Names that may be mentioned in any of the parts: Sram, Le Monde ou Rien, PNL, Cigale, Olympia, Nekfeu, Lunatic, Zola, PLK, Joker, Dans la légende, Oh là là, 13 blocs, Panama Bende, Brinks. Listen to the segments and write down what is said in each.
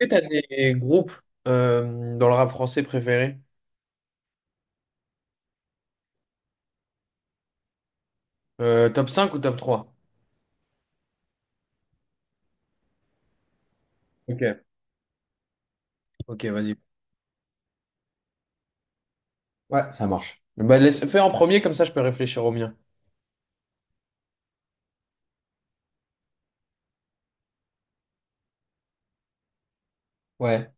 Est-ce que t'as des groupes dans le rap français préférés? Top cinq ou top trois? Ok. Ok, vas-y. Ouais, ça marche. Bah, laisse, fais en premier, comme ça je peux réfléchir au mien. Ouais.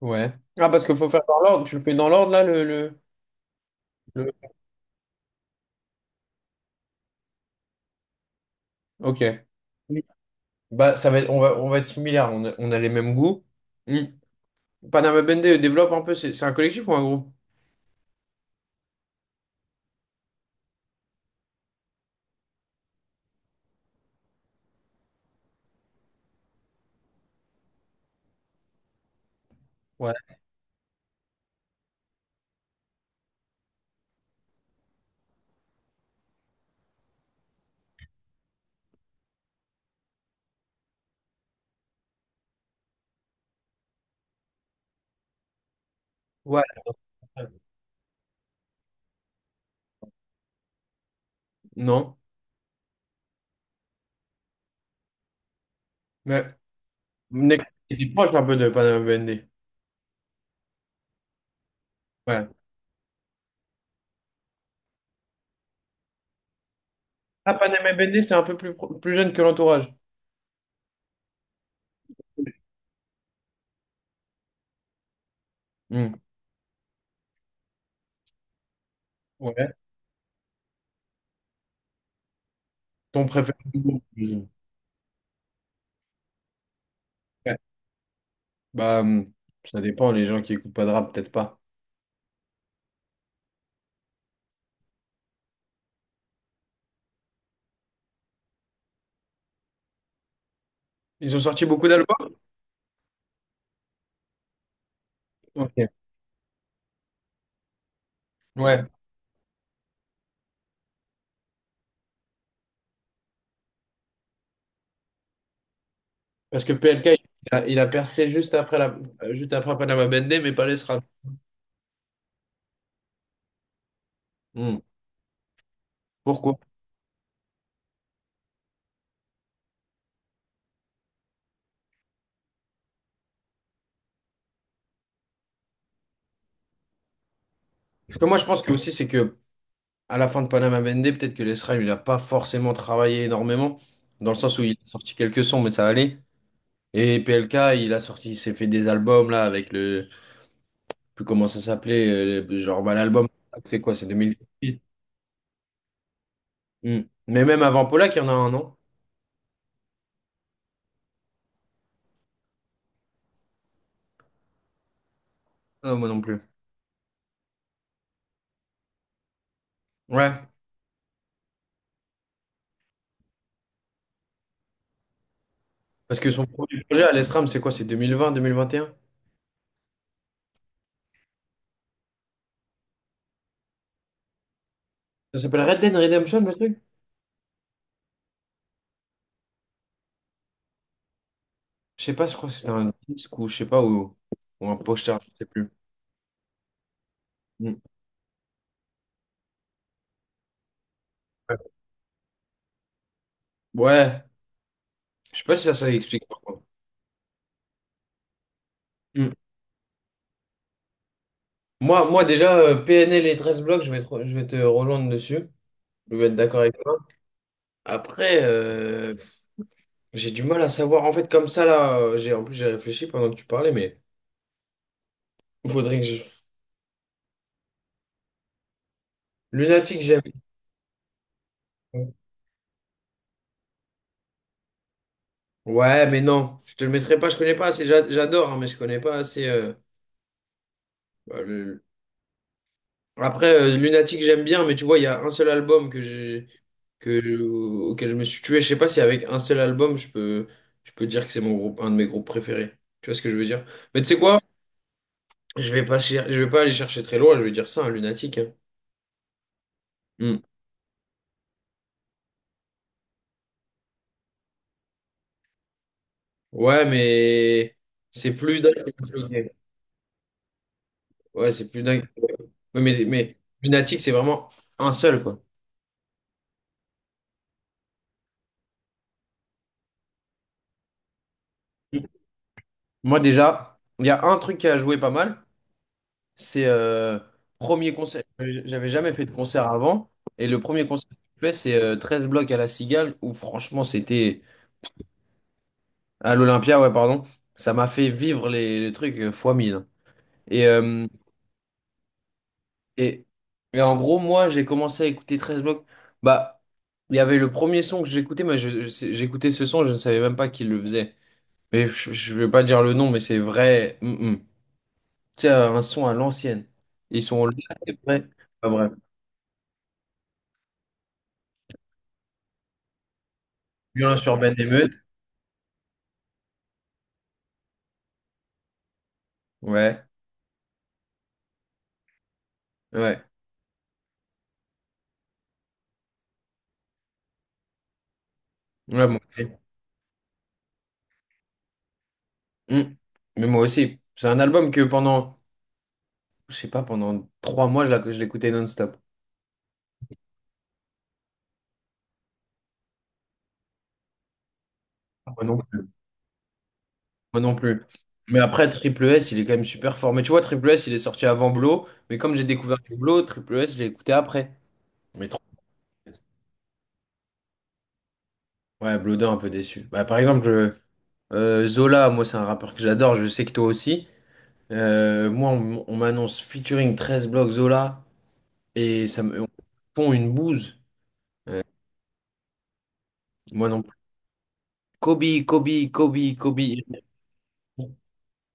Ouais. Ah, parce qu'il faut faire dans l'ordre. Tu le fais dans l'ordre, là, le- Ok. Bah, on va être similaires. On a les mêmes goûts. Hmm. Panama Bende, développe un peu. C'est un collectif ou un groupe? Ouais. Ouais. Non. Mais Nekfeu, il est proche un peu de Panama Bende. Ouais. Ah, Panama Bende, c'est un peu plus, plus jeune que l'entourage. Hmm. Ouais. Ton préféré du groupe, j'imagine. Ouais. Bah, ça dépend, les gens qui écoutent pas de rap, peut-être pas. Ils ont sorti beaucoup d'albums? Ok. Ouais. Parce que PLK, il a percé juste après, juste après Panama Bendé, mais pas les Sram. Hmm. Pourquoi? Parce que moi, je pense que aussi, c'est que à la fin de Panama Bendé, peut-être que les Sram, il n'a pas forcément travaillé énormément, dans le sens où il a sorti quelques sons, mais ça allait. Et PLK, il a sorti, il s'est fait des albums, là, avec je sais plus comment ça s'appelait, genre, bah, l'album, c'est quoi, c'est 2000. Hmm. Mais même avant Polak, il y en a un, non? Non, moi non plus. Ouais. Parce que son premier projet à l'ESRAM, c'est quoi? C'est 2021. Ça s'appelle Red Dead Redemption, le truc? Je sais pas, je crois que c'était un disque ou je sais pas, ou un poster, je sais plus. Hmm. Ouais, je sais pas si ça explique, par contre. Hmm. Moi, déjà, PNL et 13 blocs, je vais te rejoindre dessus. Je vais être d'accord avec toi. Après, j'ai du mal à savoir. En fait, comme ça, là, en plus, j'ai réfléchi pendant que tu parlais, mais il faudrait que je... Lunatique, j'aime. Ouais, mais non, je te le mettrai pas, je connais pas assez, j'adore, hein, mais je connais pas assez. Bah, le- Après, Lunatic, j'aime bien, mais tu vois, il y a un seul album auquel je me suis tué. Je sais pas si avec un seul album, je peux dire que c'est mon groupe, un de mes groupes préférés. Tu vois ce que je veux dire? Mais tu sais quoi? Je vais pas aller chercher très loin, je vais dire ça, un Lunatic, hein. Hmm. Ouais, mais c'est plus dingue que Joker. Ouais, c'est plus dingue. Ouais, mais Lunatic, c'est vraiment un seul, quoi. Moi déjà, il y a un truc qui a joué pas mal, c'est premier concert. J'avais jamais fait de concert avant, et le premier concert que j'ai fait, c'est 13 blocs à la Cigale, où franchement c'était à l'Olympia, ouais pardon, ça m'a fait vivre les trucs fois 1000. Et, euh, et, et en gros, moi j'ai commencé à écouter 13 blocs, bah il y avait le premier son que j'écoutais, mais j'écoutais ce son, je ne savais même pas qui le faisait. Mais je vais pas dire le nom, mais c'est vrai. Mm, mm. Tu sais, un son à l'ancienne. Ils sont là, c'est vrai. Pas vrai. Violence urbaine émeute. Ouais, ouais. Ouais, moi aussi. Hmm. Mais moi aussi. C'est un album que pendant, je sais pas, pendant 3 mois, je l'écoutais non-stop. Moi non plus. Moi non plus. Mais après, Triple S, il est quand même super fort. Mais tu vois, Triple S, il est sorti avant Blo. Mais comme j'ai découvert les Blo, Triple S, je l'ai écouté après. Mais trop. Ouais, Blodin, un peu déçu. Bah, par exemple, Zola, moi, c'est un rappeur que j'adore. Je sais que toi aussi. Moi, on m'annonce featuring 13 blocs Zola et ça me on fond une bouse. Euh, Moi non plus. Kobe, Kobe, Kobe, Kobe.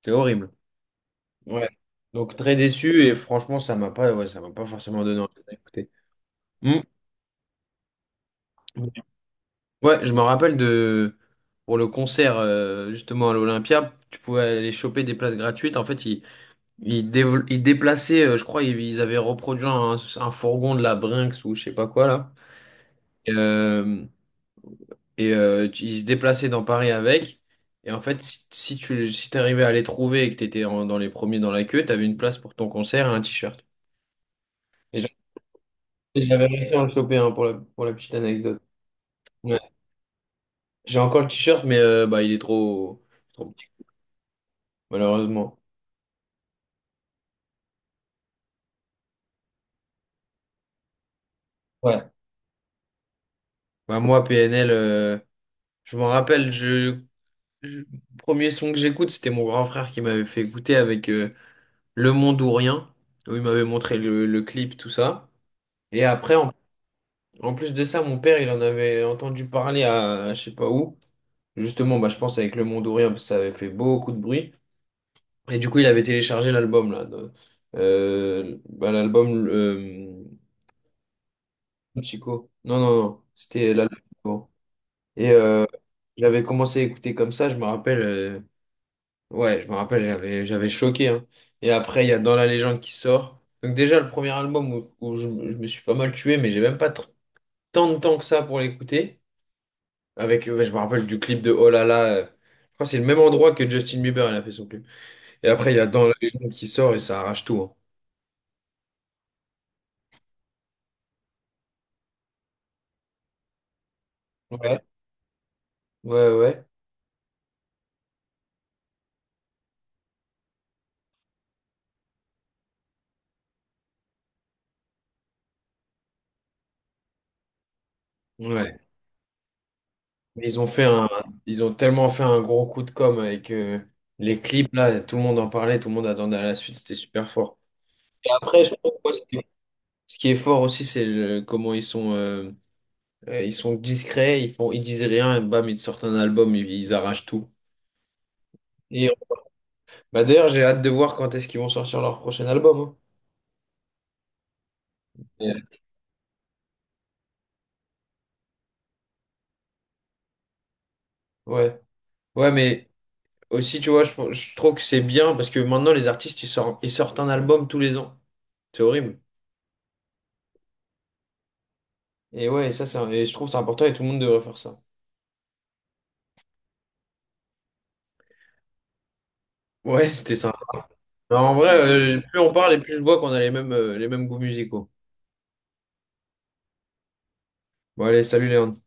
C'est horrible. Ouais. Donc très déçu et franchement, ça m'a pas forcément donné envie d'écouter. Ouais, je me rappelle de pour le concert justement à l'Olympia, tu pouvais aller choper des places gratuites. En fait, ils déplaçaient, je crois, ils avaient reproduit un fourgon de la Brinks ou je sais pas quoi là. Et ils se déplaçaient dans Paris avec. Et en fait, si t'arrivais à les trouver et que t'étais dans les premiers dans la queue, t'avais une place pour ton concert et un t-shirt. Et j'a- et j'avais réussi à le choper, hein, pour la petite anecdote. Ouais. J'ai encore le t-shirt, mais bah, il est trop, trop petit, malheureusement. Ouais. Bah, moi, PNL, je m'en rappelle, je- premier son que j'écoute, c'était mon grand frère qui m'avait fait écouter avec Le Monde ou Rien, où il m'avait montré le clip, tout ça. Et après, en plus de ça, mon père, il en avait entendu parler à je sais pas où. Justement, bah, je pense avec Le Monde ou Rien, parce que ça avait fait beaucoup de bruit. Et du coup, il avait téléchargé l'album, là, bah, l'album Chico. Non, non, non. C'était l'album avant. Et j'avais commencé à écouter comme ça, je me rappelle. Ouais, je me rappelle, j'avais choqué, hein. Et après, il y a Dans la légende qui sort. Donc déjà, le premier album où je me suis pas mal tué, mais j'ai même pas tant de temps que ça pour l'écouter. Ouais, je me rappelle du clip de Oh là là. Je crois que c'est le même endroit que Justin Bieber, il a fait son clip. Et après, il y a Dans la légende qui sort et ça arrache tout, hein. Ouais, ouais, ouais. Ouais. Mais ils ont tellement fait un gros coup de com avec les clips là. Tout le monde en parlait, tout le monde attendait à la suite. C'était super fort. Et après, je trouve, moi, ce qui est fort aussi, comment ils sont discrets. Ils font, ils disent rien. Et bam, ils sortent un album. Ils arrachent tout. Et bah d'ailleurs, j'ai hâte de voir quand est-ce qu'ils vont sortir leur prochain album, hein. Ouais. Ouais, Ouais, mais aussi, tu vois, je trouve que c'est bien parce que maintenant, les artistes, ils sortent un album tous les ans. C'est horrible. Et ouais, et je trouve que c'est important et tout le monde devrait faire ça. Ouais, c'était ça. En vrai, plus on parle et plus je vois qu'on a les mêmes goûts musicaux. Bon, allez, salut Léon.